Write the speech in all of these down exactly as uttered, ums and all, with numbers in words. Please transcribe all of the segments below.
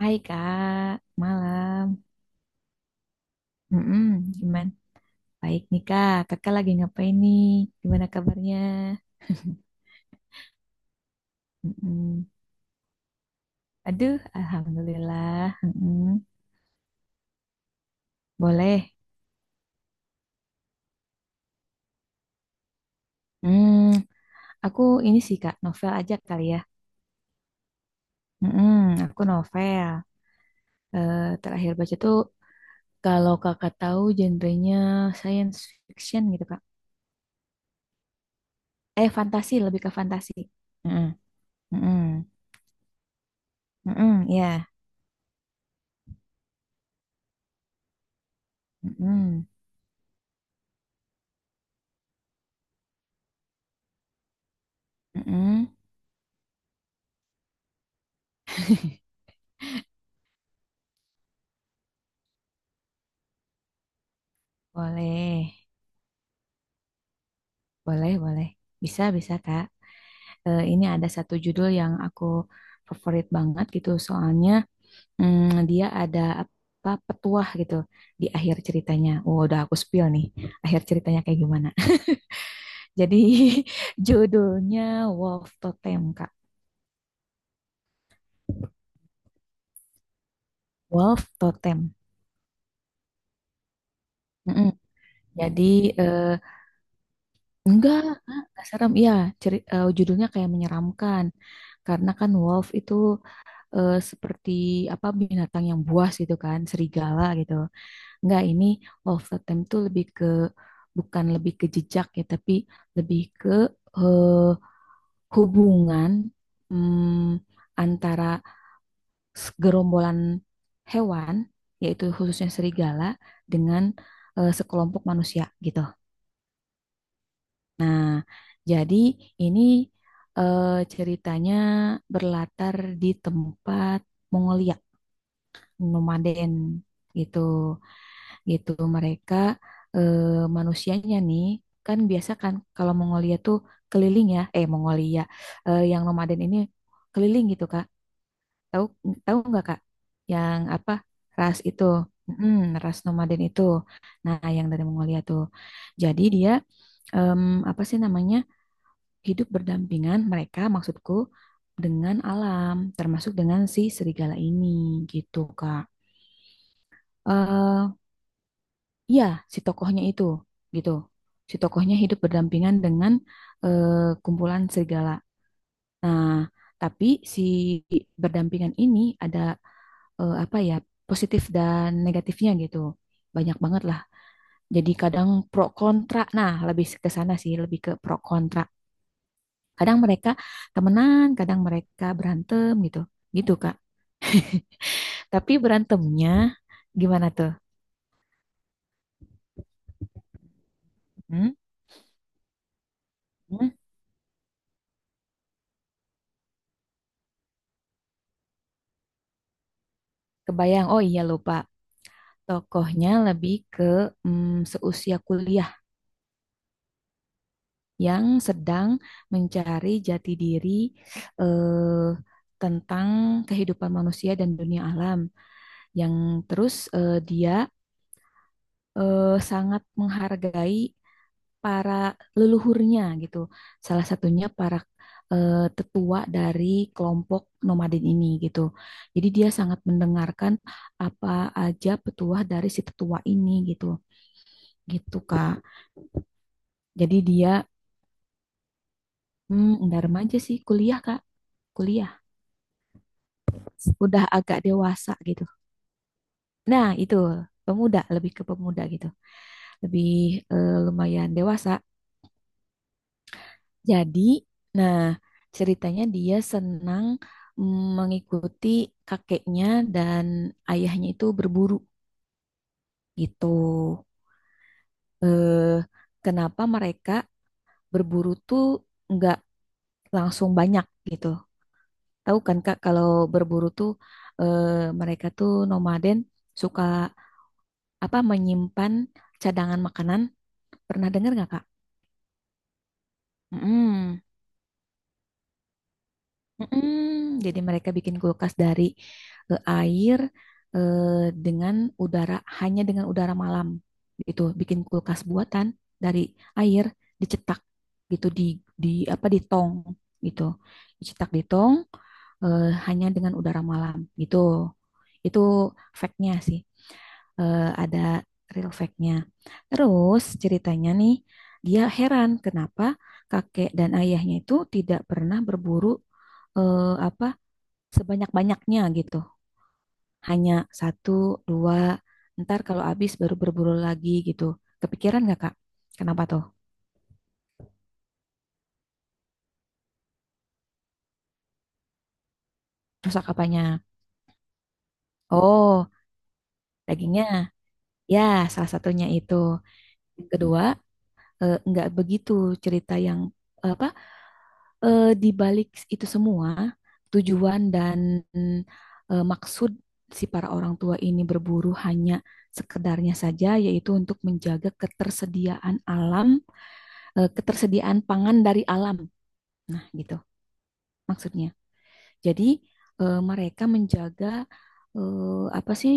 Hai Kak, malam. Mm-mm, gimana? Baik nih Kak, kakak lagi ngapain nih? Gimana kabarnya? Mm-mm. Aduh, Alhamdulillah. Mm-mm. Boleh. Hmm, aku ini sih Kak, novel aja kali ya. Mm-mm, aku novel. Eh, terakhir baca tuh, kalau kakak tahu genrenya science fiction gitu Kak. Eh, fantasi, lebih ke fantasi. Mm-mm, mm-mm, mm-mm, ya. Mm-mm, mm-mm. Boleh. Boleh, boleh. Bisa, bisa, Kak. Eh, ini ada satu judul yang aku favorit banget gitu. Soalnya mm, dia ada apa petuah gitu di akhir ceritanya. Oh, udah aku spill nih. Akhir ceritanya kayak gimana. Jadi judulnya Wolf Totem, Kak. Wolf Totem. Mm-mm. Jadi eh, enggak, Kak, enggak serem. Iya, ceri- eh, judulnya kayak menyeramkan. Karena kan wolf itu eh, seperti apa binatang yang buas gitu kan, serigala gitu. Enggak, ini of the time tuh lebih ke bukan lebih ke jejak ya, tapi lebih ke eh, hubungan mm, antara gerombolan hewan, yaitu khususnya serigala, dengan eh, sekelompok manusia gitu. Nah, jadi ini eh, ceritanya berlatar di tempat Mongolia, nomaden gitu. Gitu mereka eh, manusianya nih kan biasa kan kalau Mongolia tuh keliling ya eh Mongolia eh, yang nomaden ini keliling gitu Kak. Tahu tahu nggak Kak yang apa ras itu? Mm, ras nomaden itu nah yang dari Mongolia tuh jadi dia em, apa sih namanya hidup berdampingan mereka maksudku dengan alam termasuk dengan si serigala ini gitu Kak. Eh, Iya, si tokohnya itu gitu. Si tokohnya hidup berdampingan dengan eh, kumpulan serigala. Nah, tapi si berdampingan ini ada eh, apa ya, positif dan negatifnya gitu. Banyak banget lah. Jadi kadang pro kontra. Nah, lebih ke sana sih, lebih ke pro kontra. Kadang mereka temenan, kadang mereka berantem gitu. Gitu, Kak. Tapi berantemnya gimana tuh? Hmm? Hmm? Kebayang. Oh iya, lupa. Tokohnya lebih ke mm, seusia kuliah yang sedang mencari jati diri eh, tentang kehidupan manusia dan dunia alam. Yang terus eh, dia eh, sangat menghargai para leluhurnya gitu. Salah satunya para eh, tetua dari kelompok nomaden ini gitu. Jadi dia sangat mendengarkan apa aja petuah dari si tetua ini gitu. Gitu, Kak. Jadi dia hmm, nggak remaja sih, kuliah Kak, kuliah. Udah agak dewasa gitu. Nah itu pemuda, lebih ke pemuda gitu, lebih eh, lumayan dewasa. Jadi, nah ceritanya dia senang mm, mengikuti kakeknya dan ayahnya itu berburu gitu. Eh, kenapa mereka berburu tuh nggak langsung banyak gitu. Tahu kan Kak kalau berburu tuh eh, mereka tuh nomaden suka apa menyimpan cadangan makanan. Pernah dengar nggak Kak? Mm-mm. Mm-mm. Jadi mereka bikin kulkas dari eh, air eh, dengan udara hanya dengan udara malam itu. Bikin kulkas buatan dari air dicetak gitu di di apa di tong gitu. Dicetak di tong eh, hanya dengan udara malam gitu. Itu factnya sih. eh, ada real fact-nya. Terus ceritanya nih, dia heran kenapa kakek dan ayahnya itu tidak pernah berburu eh, apa sebanyak-banyaknya gitu. Hanya satu, dua, ntar kalau habis baru berburu lagi gitu. Kepikiran nggak Kak? Kenapa tuh? Rusak apanya? Oh, dagingnya. Ya, salah satunya itu. Yang kedua, eh, nggak begitu cerita yang apa eh, di balik itu semua, tujuan dan eh, maksud si para orang tua ini berburu hanya sekedarnya saja, yaitu untuk menjaga ketersediaan alam, eh, ketersediaan pangan dari alam. Nah, gitu maksudnya. Jadi, eh, mereka menjaga eh, apa sih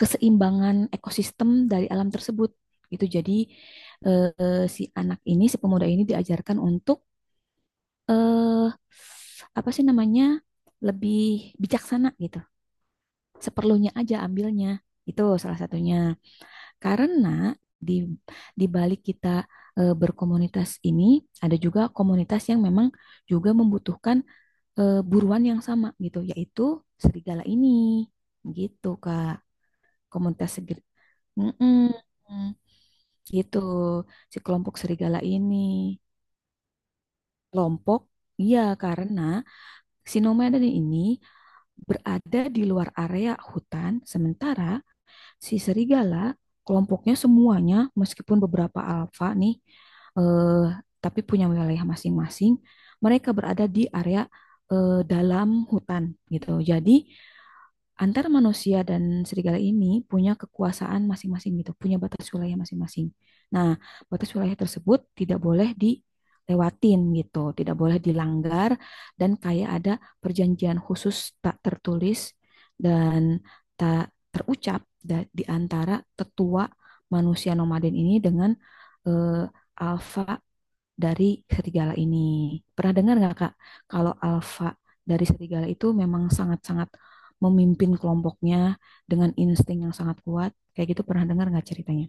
keseimbangan ekosistem dari alam tersebut. Itu jadi eh, si anak ini, si pemuda ini diajarkan untuk eh apa sih namanya lebih bijaksana gitu. Seperlunya aja ambilnya. Itu salah satunya. Karena di di balik kita eh, berkomunitas ini ada juga komunitas yang memang juga membutuhkan eh, buruan yang sama gitu, yaitu serigala ini. Gitu, Kak. Komunitas segera. Gitu, si kelompok serigala ini. Kelompok, iya karena si nomaden ini berada di luar area hutan, sementara si serigala kelompoknya semuanya, meskipun beberapa alfa nih, eh, tapi punya wilayah masing-masing, mereka berada di area eh, dalam hutan gitu. Jadi antar manusia dan serigala ini punya kekuasaan masing-masing gitu, punya batas wilayah masing-masing. Nah, batas wilayah tersebut tidak boleh dilewatin gitu, tidak boleh dilanggar dan kayak ada perjanjian khusus tak tertulis dan tak terucap da- di antara tetua manusia nomaden ini dengan eh, alfa dari serigala ini. Pernah dengar nggak Kak, kalau alfa dari serigala itu memang sangat-sangat memimpin kelompoknya dengan insting yang sangat kuat? Kayak gitu pernah dengar nggak ceritanya?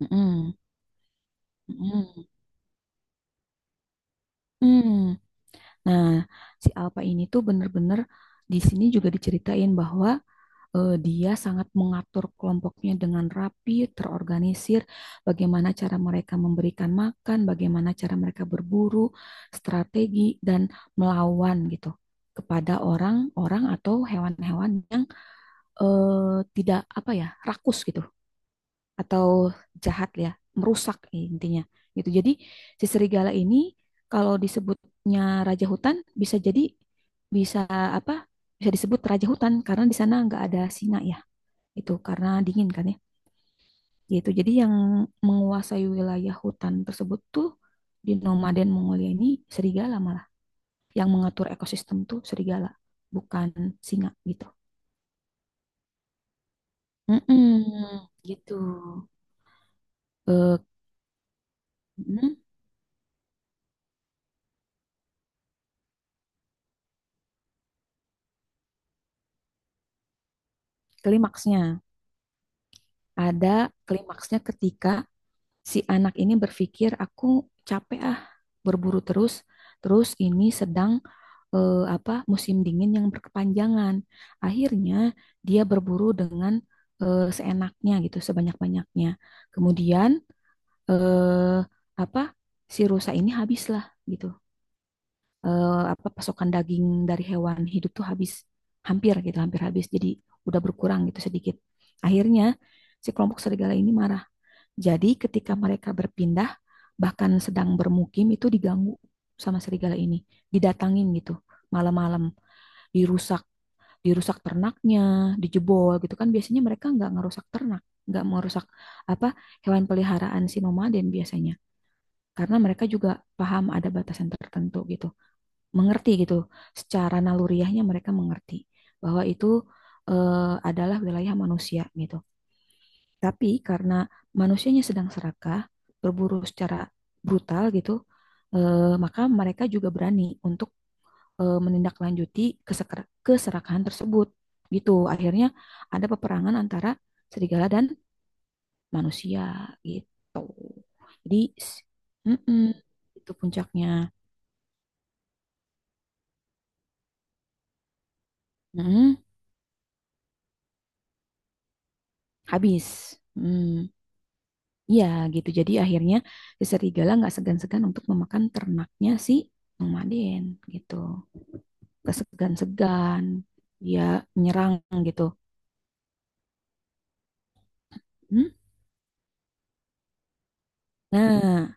Mm-mm. Mm-mm. Mm. Nah, si alfa ini tuh bener-bener di sini juga diceritain bahwa eh, dia sangat mengatur kelompoknya dengan rapi, terorganisir, bagaimana cara mereka memberikan makan, bagaimana cara mereka berburu, strategi, dan melawan gitu kepada orang-orang atau hewan-hewan yang eh, tidak apa ya, rakus gitu atau jahat ya, merusak intinya gitu. Jadi si serigala ini kalau disebutnya raja hutan bisa jadi bisa apa? Bisa disebut raja hutan karena di sana nggak ada singa ya itu karena dingin kan ya gitu jadi yang menguasai wilayah hutan tersebut tuh di nomaden Mongolia ini serigala malah yang mengatur ekosistem tuh serigala bukan singa gitu. Mm-mm, gitu. Eh, mm, klimaksnya ada klimaksnya ketika si anak ini berpikir aku capek ah berburu terus terus ini sedang eh, apa musim dingin yang berkepanjangan akhirnya dia berburu dengan eh, seenaknya gitu sebanyak-banyaknya kemudian eh, apa si rusa ini habislah gitu. Eh, apa pasokan daging dari hewan hidup tuh habis hampir gitu hampir habis jadi udah berkurang gitu sedikit akhirnya si kelompok serigala ini marah jadi ketika mereka berpindah, bahkan sedang bermukim itu diganggu sama serigala ini, didatangin gitu malam-malam, dirusak, dirusak ternaknya, dijebol gitu kan. Biasanya mereka nggak ngerusak ternak, nggak merusak apa hewan peliharaan si nomaden biasanya, karena mereka juga paham ada batasan tertentu gitu, mengerti gitu, secara naluriahnya mereka mengerti bahwa itu eh, adalah wilayah manusia gitu. Tapi karena manusianya sedang serakah, berburu secara brutal gitu, eh, maka mereka juga berani untuk eh, menindaklanjuti keseker- keserakahan tersebut. Gitu. Akhirnya ada peperangan antara serigala dan manusia gitu. Jadi s- mm-mm, itu puncaknya. Mm-mm, habis. Mm, iya gitu. Jadi akhirnya si serigala nggak segan-segan untuk memakan ternaknya si nomaden gitu. Gak segan-segan dia menyerang gitu. Hmm? Nah,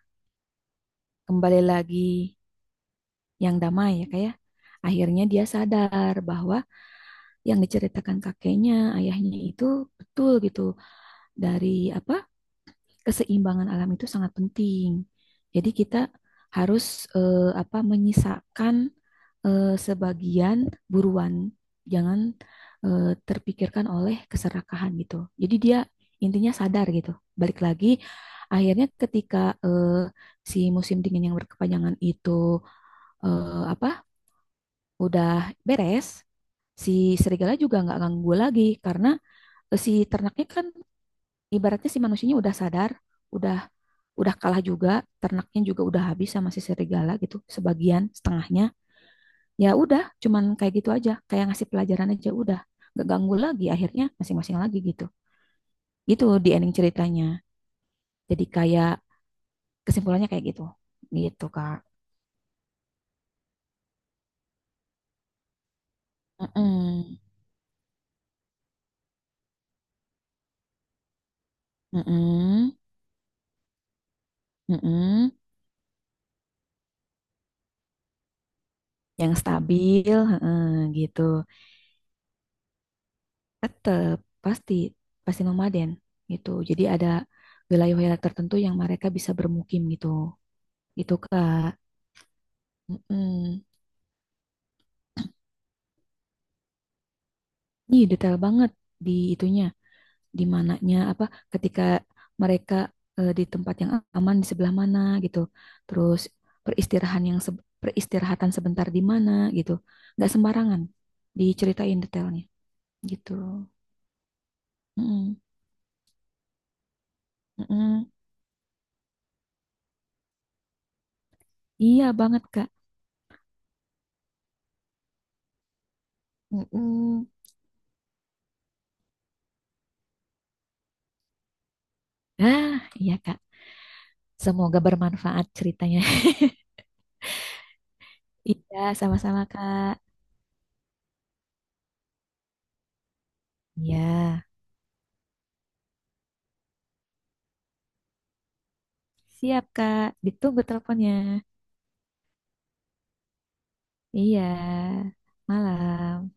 kembali lagi yang damai ya kayak akhirnya dia sadar bahwa yang diceritakan kakeknya, ayahnya itu betul gitu dari apa keseimbangan alam itu sangat penting. Jadi kita harus eh, apa menyisakan eh, sebagian buruan, jangan eh, terpikirkan oleh keserakahan gitu. Jadi dia intinya sadar gitu. Balik lagi, akhirnya ketika eh, si musim dingin yang berkepanjangan itu eh, apa udah beres, si serigala juga nggak ganggu lagi karena eh, si ternaknya kan ibaratnya si manusianya udah sadar, udah udah kalah juga, ternaknya juga udah habis sama si serigala gitu, sebagian setengahnya. Ya udah, cuman kayak gitu aja, kayak ngasih pelajaran aja udah. Gak ganggu lagi akhirnya masing-masing lagi gitu. Gitu di ending ceritanya. Jadi kayak kesimpulannya kayak gitu. Gitu, Kak. Mm-mm. Mm-mm. Mm-mm. Yang stabil, heeh, gitu. Tetap pasti pasti nomaden gitu. Jadi ada wilayah-wilayah tertentu yang mereka bisa bermukim gitu. Gitu, Kak. Mm-mm. Ih, detail banget di itunya, di mananya apa ketika mereka eh, di tempat yang aman di sebelah mana gitu. Terus peristirahan yang se- peristirahatan sebentar di mana gitu. Nggak sembarangan diceritain detailnya gitu. Mm-mm, mm-mm. Iya banget, Kak. Mm-mm. Ah, iya, Kak. Semoga bermanfaat ceritanya. Iya, sama-sama, Kak. Iya. Siap, Kak. Ditunggu teleponnya. Iya. Malam.